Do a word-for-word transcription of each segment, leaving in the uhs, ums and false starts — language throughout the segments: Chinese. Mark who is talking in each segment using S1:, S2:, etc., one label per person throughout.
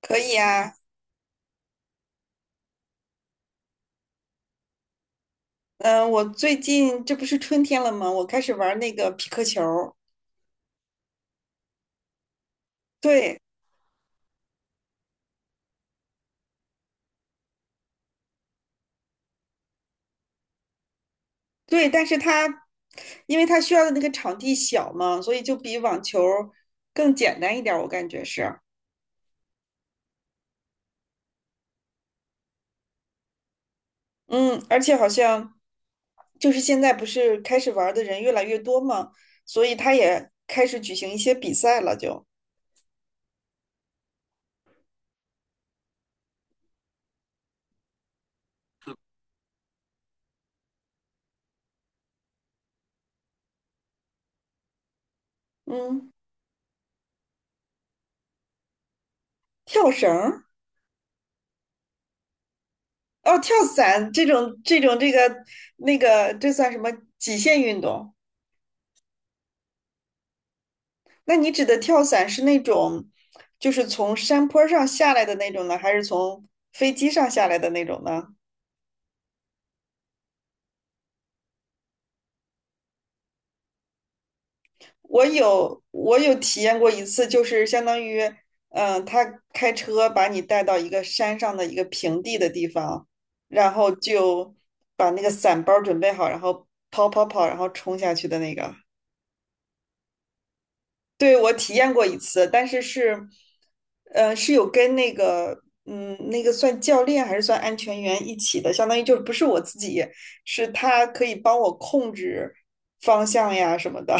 S1: 可以啊，嗯、我最近这不是春天了吗？我开始玩那个匹克球儿。对对，但是它因为它需要的那个场地小嘛，所以就比网球儿更简单一点儿我感觉是。嗯，而且好像就是现在不是开始玩儿的人越来越多嘛，所以它也开始举行一些比赛了，就嗯，跳绳儿。哦，跳伞这种这种这个那个，这算什么极限运动？那你指的跳伞是那种，就是从山坡上下来的那种呢，还是从飞机上下来的那种呢？我有我有体验过一次，就是相当于，嗯，他开车把你带到一个山上的一个平地的地方，然后就把那个伞包准备好，然后跑跑跑，然后冲下去的那个。对，我体验过一次，但是是，呃，是有跟那个，嗯，那个算教练还是算安全员一起的，相当于就不是我自己，是他可以帮我控制方向呀什么的。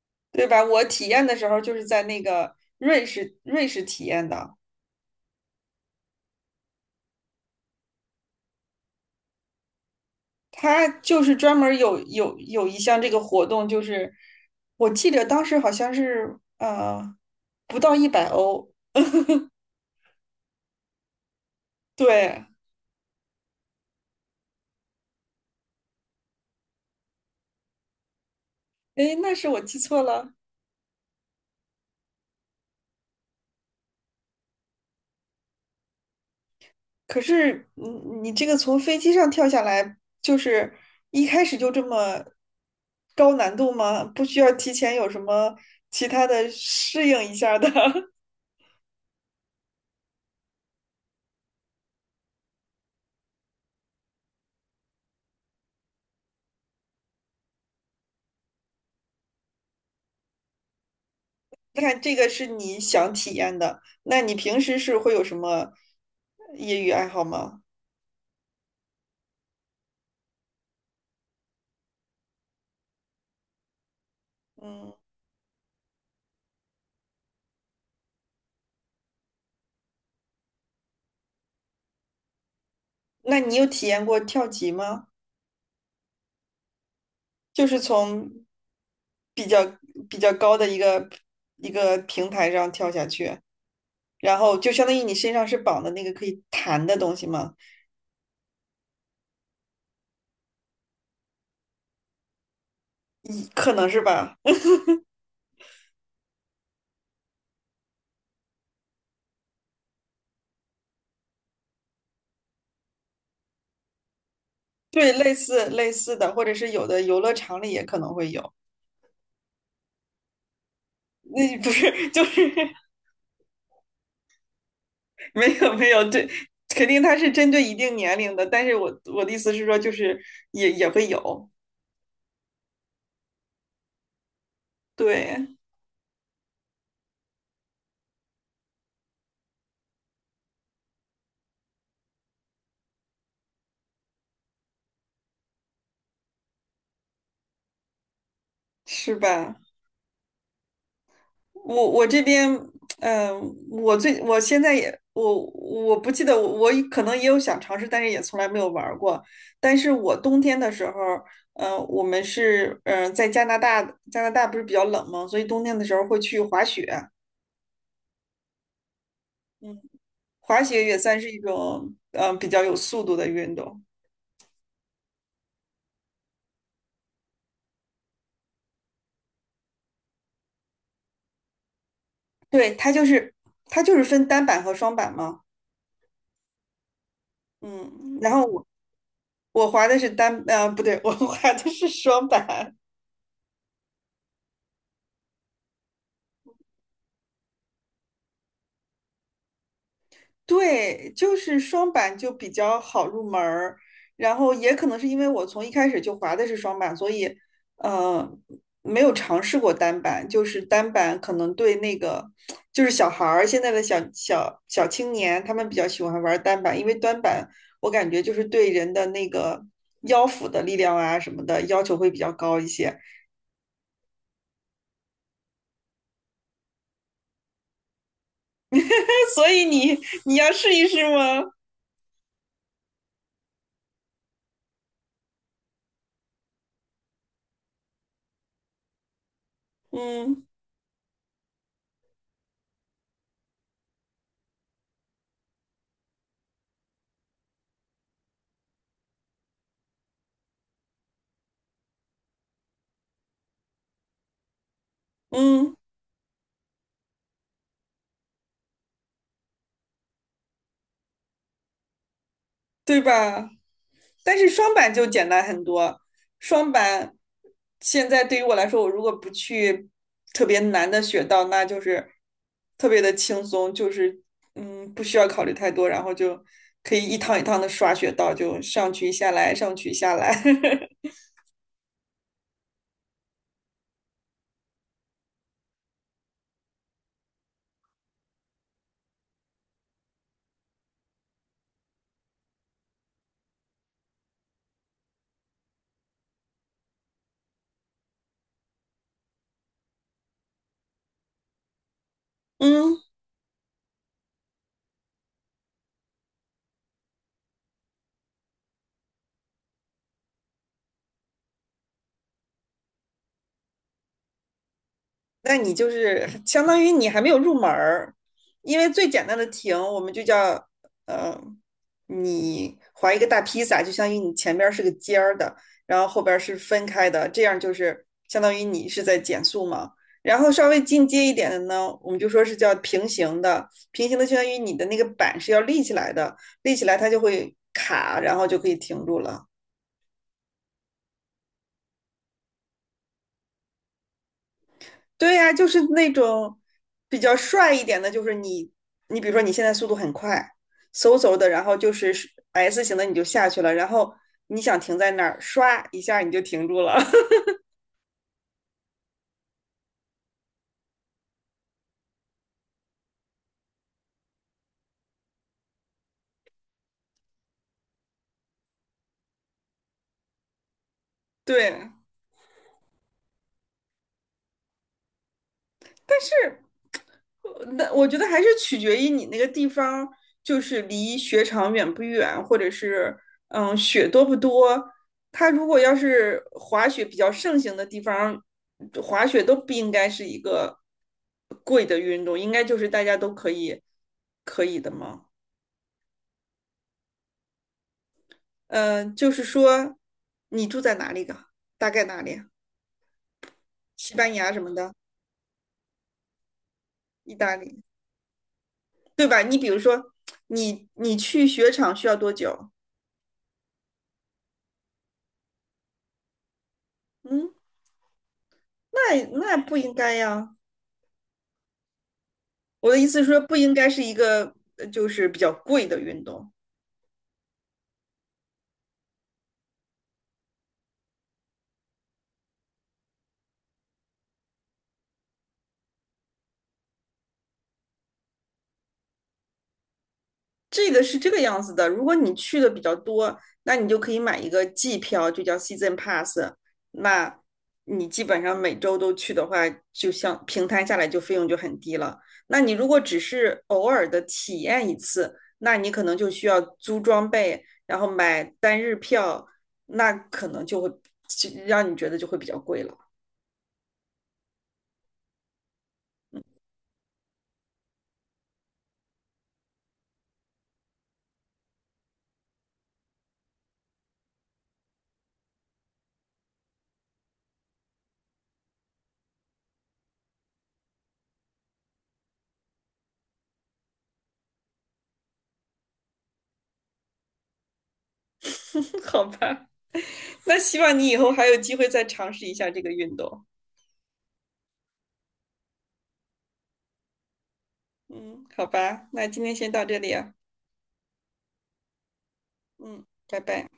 S1: 对吧？我体验的时候就是在那个瑞士，瑞士体验的。他就是专门有有有一项这个活动，就是我记得当时好像是呃不到一百欧。对。诶，那是我记错了。可是你你这个从飞机上跳下来，就是一开始就这么高难度吗？不需要提前有什么其他的适应一下儿的？你看这个是你想体验的，那你平时是会有什么业余爱好吗？嗯，那你有体验过跳级吗？就是从比较比较高的一个一个平台上跳下去，然后就相当于你身上是绑的那个可以弹的东西吗？一可能是吧？对，类似类似的，或者是有的游乐场里也可能会有。那不是就是。 没有没有，对，肯定它是针对一定年龄的，但是我我的意思是说，就是也也会有。对，是吧？我我这边，嗯、呃我最我现在也我我不记得我我可能也有想尝试，但是也从来没有玩儿过。但是我冬天的时候，嗯，我们是嗯、呃在加拿大。加拿大不是比较冷吗？所以冬天的时候会去滑雪。滑雪也算是一种嗯、呃比较有速度的运动。对，它就是它就是分单板和双板嘛。嗯，然后我我滑的是单，呃，不对，我 滑的是双板。对，就是双板就比较好入门儿，然后也可能是因为我从一开始就滑的是双板，所以呃没有尝试过单板，就是单板可能对那个就是小孩儿现在的小小小青年，他们比较喜欢玩单板，因为单板我感觉就是对人的那个腰腹的力量啊什么的要求会比较高一些。所以你你要试一试吗？嗯嗯。对吧？但是双板就简单很多。双板现在对于我来说，我如果不去特别难的雪道，那就是特别的轻松，就是嗯，不需要考虑太多，然后就可以一趟一趟的刷雪道，就上去下来，上去下来。嗯，那你就是相当于你还没有入门儿，因为最简单的停，我们就叫呃，你划一个大披萨，就相当于你前边儿是个尖儿的，然后后边儿是分开的，这样就是相当于你是在减速嘛。然后稍微进阶一点的呢，我们就说是叫平行的，平行的相当于你的那个板是要立起来的，立起来它就会卡，然后就可以停住了。对呀，就是那种比较帅一点的，就是你，你比如说你现在速度很快，嗖嗖的，然后就是 S 型的你就下去了，然后你想停在那儿，唰一下你就停住了。对，是。那我觉得还是取决于你那个地方，就是离雪场远不远，或者是嗯雪多不多。它如果要是滑雪比较盛行的地方，滑雪都不应该是一个贵的运动，应该就是大家都可以可以的嘛。嗯、呃就是说你住在哪里的？大概哪里？西班牙什么的，意大利，对吧？你比如说，你你去雪场需要多久？嗯，那那不应该呀。我的意思是说，不应该是一个呃就是比较贵的运动。这个是这个样子的，如果你去的比较多，那你就可以买一个季票，就叫 season pass。那你基本上每周都去的话，就像平摊下来就费用就很低了。那你如果只是偶尔的体验一次，那你可能就需要租装备，然后买单日票，那可能就会就让你觉得就会比较贵了。好吧？那希望你以后还有机会再尝试一下这个运动。嗯，好吧，那今天先到这里啊。嗯，拜拜。